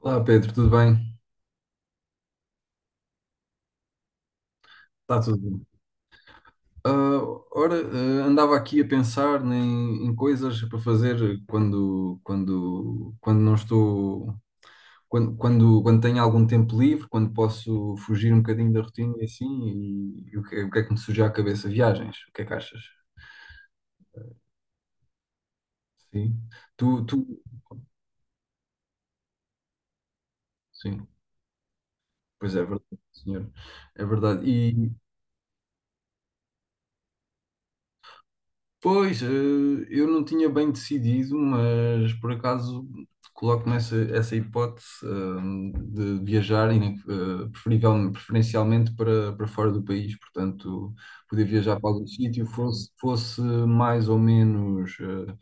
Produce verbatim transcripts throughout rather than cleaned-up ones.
Olá Pedro, tudo bem? Está tudo bem. Ah, ora, ah, andava aqui a pensar em, em coisas para fazer quando, quando, quando não estou, quando, quando, quando tenho algum tempo livre, quando posso fugir um bocadinho da rotina e assim, e, e o que, é o que é que me surgiu à cabeça? Viagens, o que é que achas? Sim. Tu, tu, sim, pois é, é verdade, senhor. É verdade. Pois, eh, eu não tinha bem decidido, mas por acaso coloco-me essa, essa hipótese, eh, de viajar, e, eh, preferivel- preferencialmente para, para fora do país, portanto, poder viajar para algum sítio, fosse, fosse mais ou menos eh,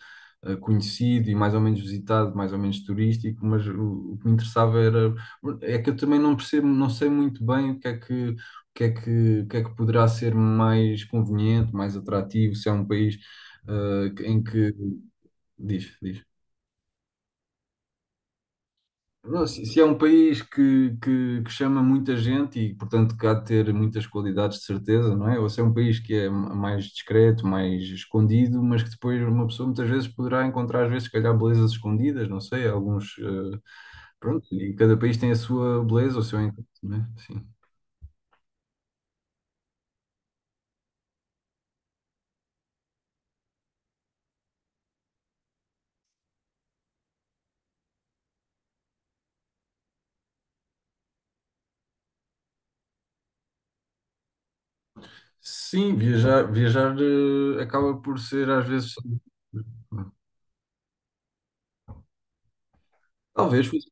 eh, conhecido e mais ou menos visitado, mais ou menos turístico, mas o, o que me interessava era, é que eu também não percebo, não sei muito bem o que é que o que é que, o que é que poderá ser mais conveniente, mais atrativo, se é um país eh, em que diz, diz. Não, se, se é um país que, que, que chama muita gente e, portanto, que há de ter muitas qualidades de certeza, não é? Ou se é um país que é m- mais discreto, mais escondido, mas que depois uma pessoa muitas vezes poderá encontrar, às vezes, se calhar, belezas escondidas, não sei, alguns. Eh, pronto, e cada país tem a sua beleza, o seu encanto, não é? Sim. Sim, viajar, viajar eh, acaba por ser às vezes. Talvez fosse.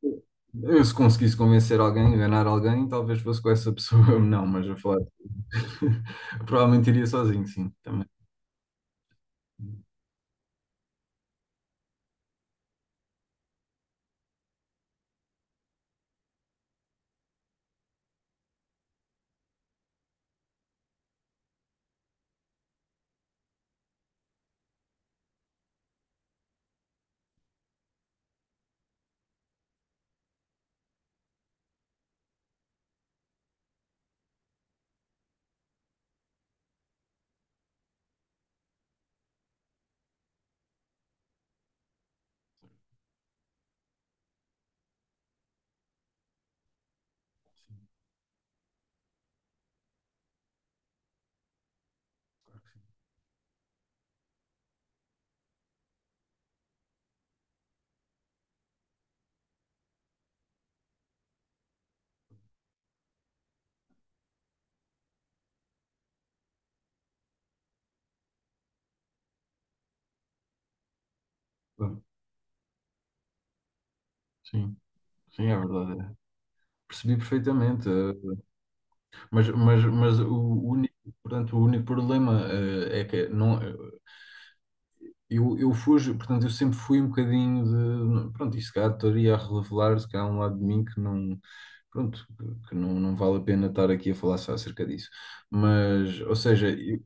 Eu, se conseguisse convencer alguém, enganar alguém, talvez fosse com essa pessoa. Não, mas a falar. Provavelmente iria sozinho, sim, também. Bom, sim, sim, é verdade. Percebi perfeitamente. eh, Mas, mas, mas o único, portanto, o único problema, eh, é que não, eh, eu, eu fujo, portanto, eu sempre fui um bocadinho de. Pronto, isso cá estaria a revelar, se calhar, um lado de mim que não. Pronto, que não, não vale a pena estar aqui a falar só acerca disso. Mas, ou seja, eu.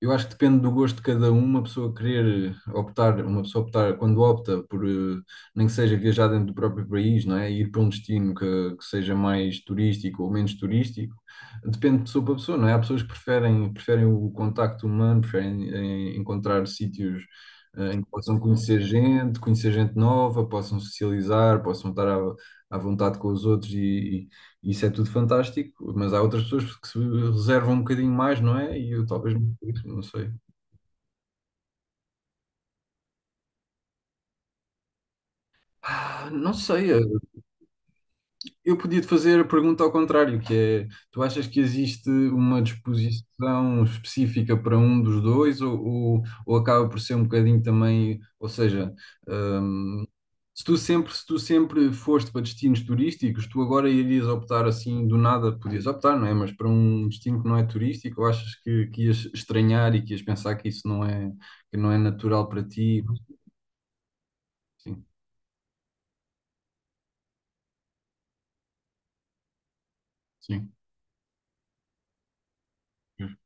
Eu acho que depende do gosto de cada um, uma pessoa querer optar, uma pessoa optar, quando opta por, eh, nem que seja viajar dentro do próprio país, não é? Ir para um destino que, que seja mais turístico ou menos turístico, depende de pessoa para pessoa, não é? Há pessoas que preferem, preferem o contacto humano, preferem eh, encontrar sítios eh, em que possam conhecer gente, conhecer gente nova, possam socializar, possam estar à, à vontade com os outros e, isso é tudo fantástico, mas há outras pessoas que se reservam um bocadinho mais, não é? E eu talvez não, não sei. Ah, não sei, eh, eu podia te fazer a pergunta ao contrário, que é, tu achas que existe uma disposição específica para um dos dois, ou, ou, ou, acaba por ser um bocadinho também, ou seja, hum, se tu sempre, se tu sempre foste para destinos turísticos, tu agora irias optar assim do nada, podias optar, não é? Mas para um destino que não é turístico, ou achas que, que ias estranhar e que ias pensar que isso não é, que não é natural para ti? Sim, sim, sim,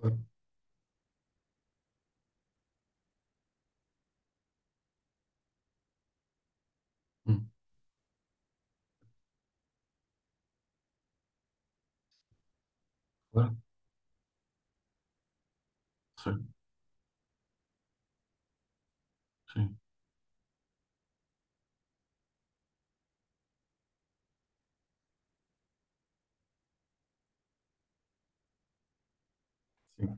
claro. Hum, claro, sim, sim, sim.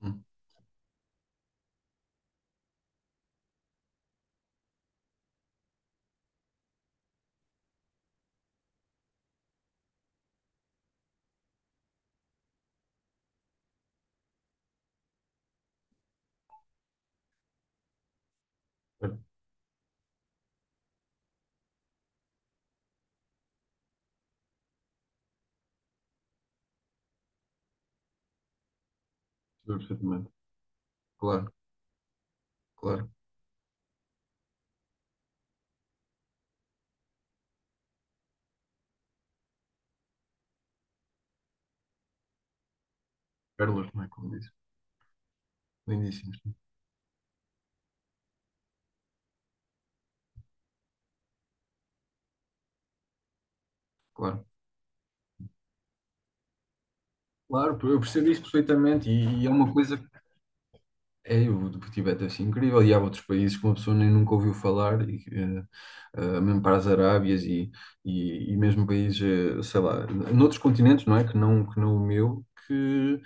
Hum, claro, percebo perfeitamente, claro, claro, pérolas, não é como disse, lindíssimas, claro. Claro, eu percebo isso perfeitamente e, e, é uma coisa, é, o do Tibete deve ser incrível e há outros países que uma pessoa nem nunca ouviu falar e, eh, mesmo para as Arábias e, e, e mesmo países, eh, sei lá, noutros continentes, não é? Que não, que não o meu, que,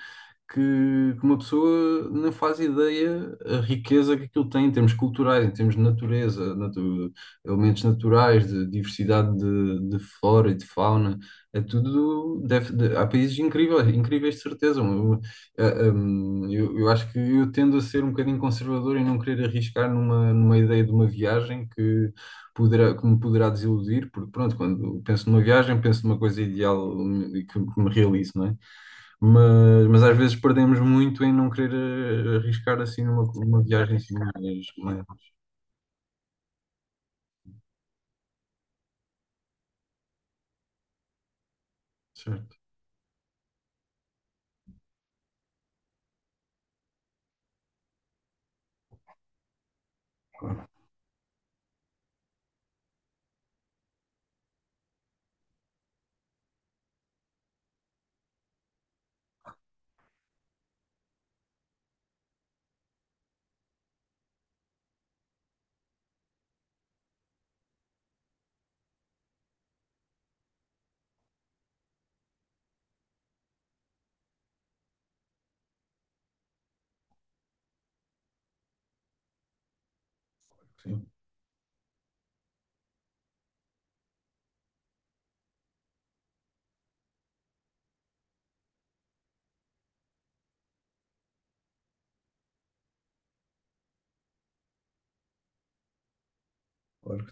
que, que uma pessoa não faz ideia a riqueza que aquilo tem em termos culturais, em termos de natureza, natu- elementos naturais, de diversidade de, de flora e de fauna. É tudo. Deve, de- há países incríveis, incríveis de certeza. Eu, eh, hum, eu, eu acho que eu tendo a ser um bocadinho conservador e não querer arriscar numa, numa ideia de uma viagem que poderá, que me poderá desiludir, porque pronto, quando penso numa viagem, penso numa coisa ideal, hum, e que, que me realize, não é? Mas, mas às vezes perdemos muito em não querer, eh, arriscar assim numa, numa viagem assim mais, mais certo, sim. Claro.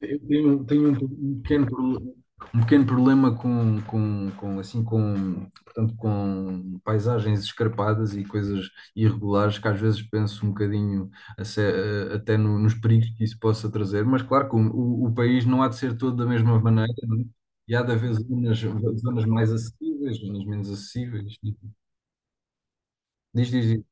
Eu tenho, tenho um, um pequeno, pro- um pequeno problema com, com, com, assim, com, portanto, com paisagens escarpadas e coisas irregulares que às vezes penso um bocadinho a se- a- até no- nos perigos que isso possa trazer, mas claro que o, o- o país não há de ser todo da mesma maneira, não é? E há de haver zonas, zonas mais acessíveis, zonas menos acessíveis. Diz, diz, diz.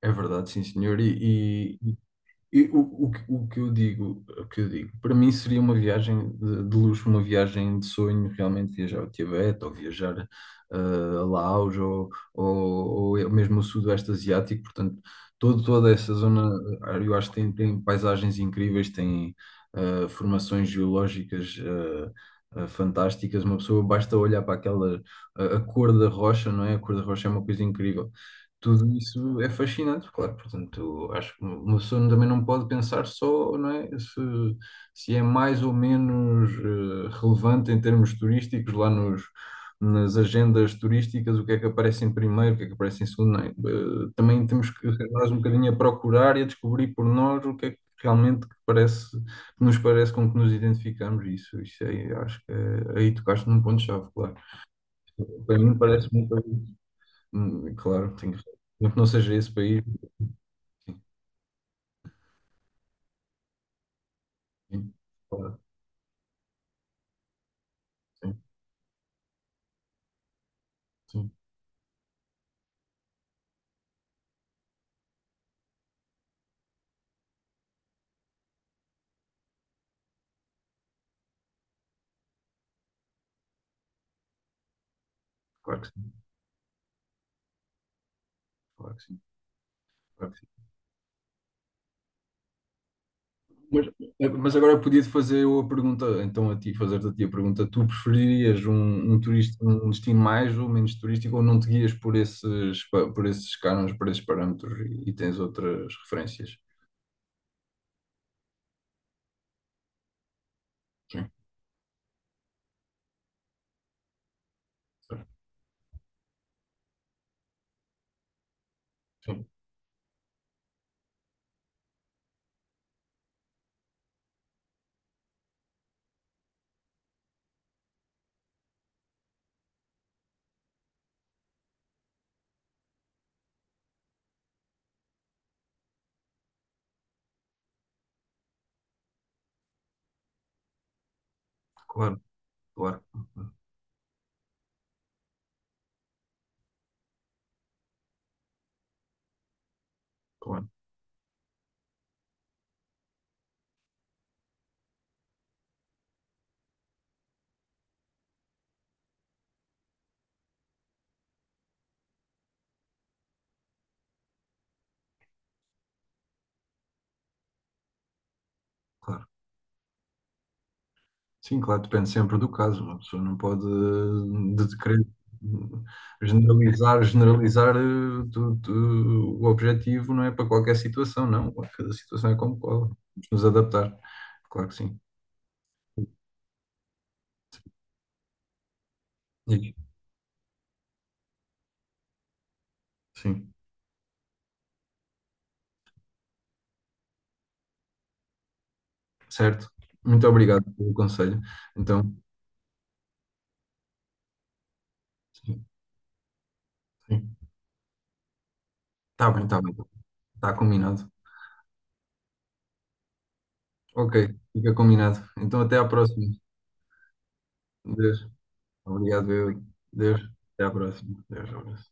É verdade, sim, senhor. E. E o, o, que o que eu digo, o que eu digo, para mim seria uma viagem de, de luxo, uma viagem de sonho, realmente viajar ao Tibete ou viajar, eh, a Laos, ou, ou, ou mesmo o Sudoeste Asiático, portanto, todo, toda essa zona, eh, eu acho que tem, tem paisagens incríveis, tem eh, formações geológicas eh, eh, fantásticas, uma pessoa basta olhar para aquela, a, a cor da rocha, não é? A cor da rocha é uma coisa incrível. Tudo isso é fascinante, claro. Portanto, acho que uma pessoa também não pode pensar só, não é, se, se é mais ou menos eh, relevante em termos turísticos lá nos, nas agendas turísticas, o que é que aparece em primeiro, o que é que aparece em segundo. Não é? Eh, também temos que nós um bocadinho a procurar e a descobrir por nós o que é que realmente que parece, que nos parece com que nos identificamos. Isso, isso aí, acho que é, aí tocaste num ponto-chave, claro. Para mim parece muito. Hum, Claro, tenho razão. Não que não seja esse país. Sim, sim, claro, sim, sim, claro que sim, claro que sim, claro que sim. Mas, eh, mas agora podia-te fazer eu a pergunta, então a ti, fazer-te a ti a pergunta, tu preferirias um, um, turista, um destino mais ou menos turístico, ou não te guias por esses, pa- por esses cânones, por esses parâmetros e, e tens outras referências? Sim, sim, claro, claro, claro, claro. Sim, claro, depende sempre do caso. Uma pessoa não pode, eh, de- querer generalizar, generalizar eh, tu- tu- o objetivo não é para qualquer situação, não. Cada situação é como qual. Vamos nos adaptar. Claro que sim. E- Sim, certo. Muito obrigado pelo conselho. Então, sim, sim. Está bem, está bem. Está combinado. Ok, fica combinado. Então, até à próxima. Deus. Obrigado, eu. Deus. Até à próxima. Deus, abraço.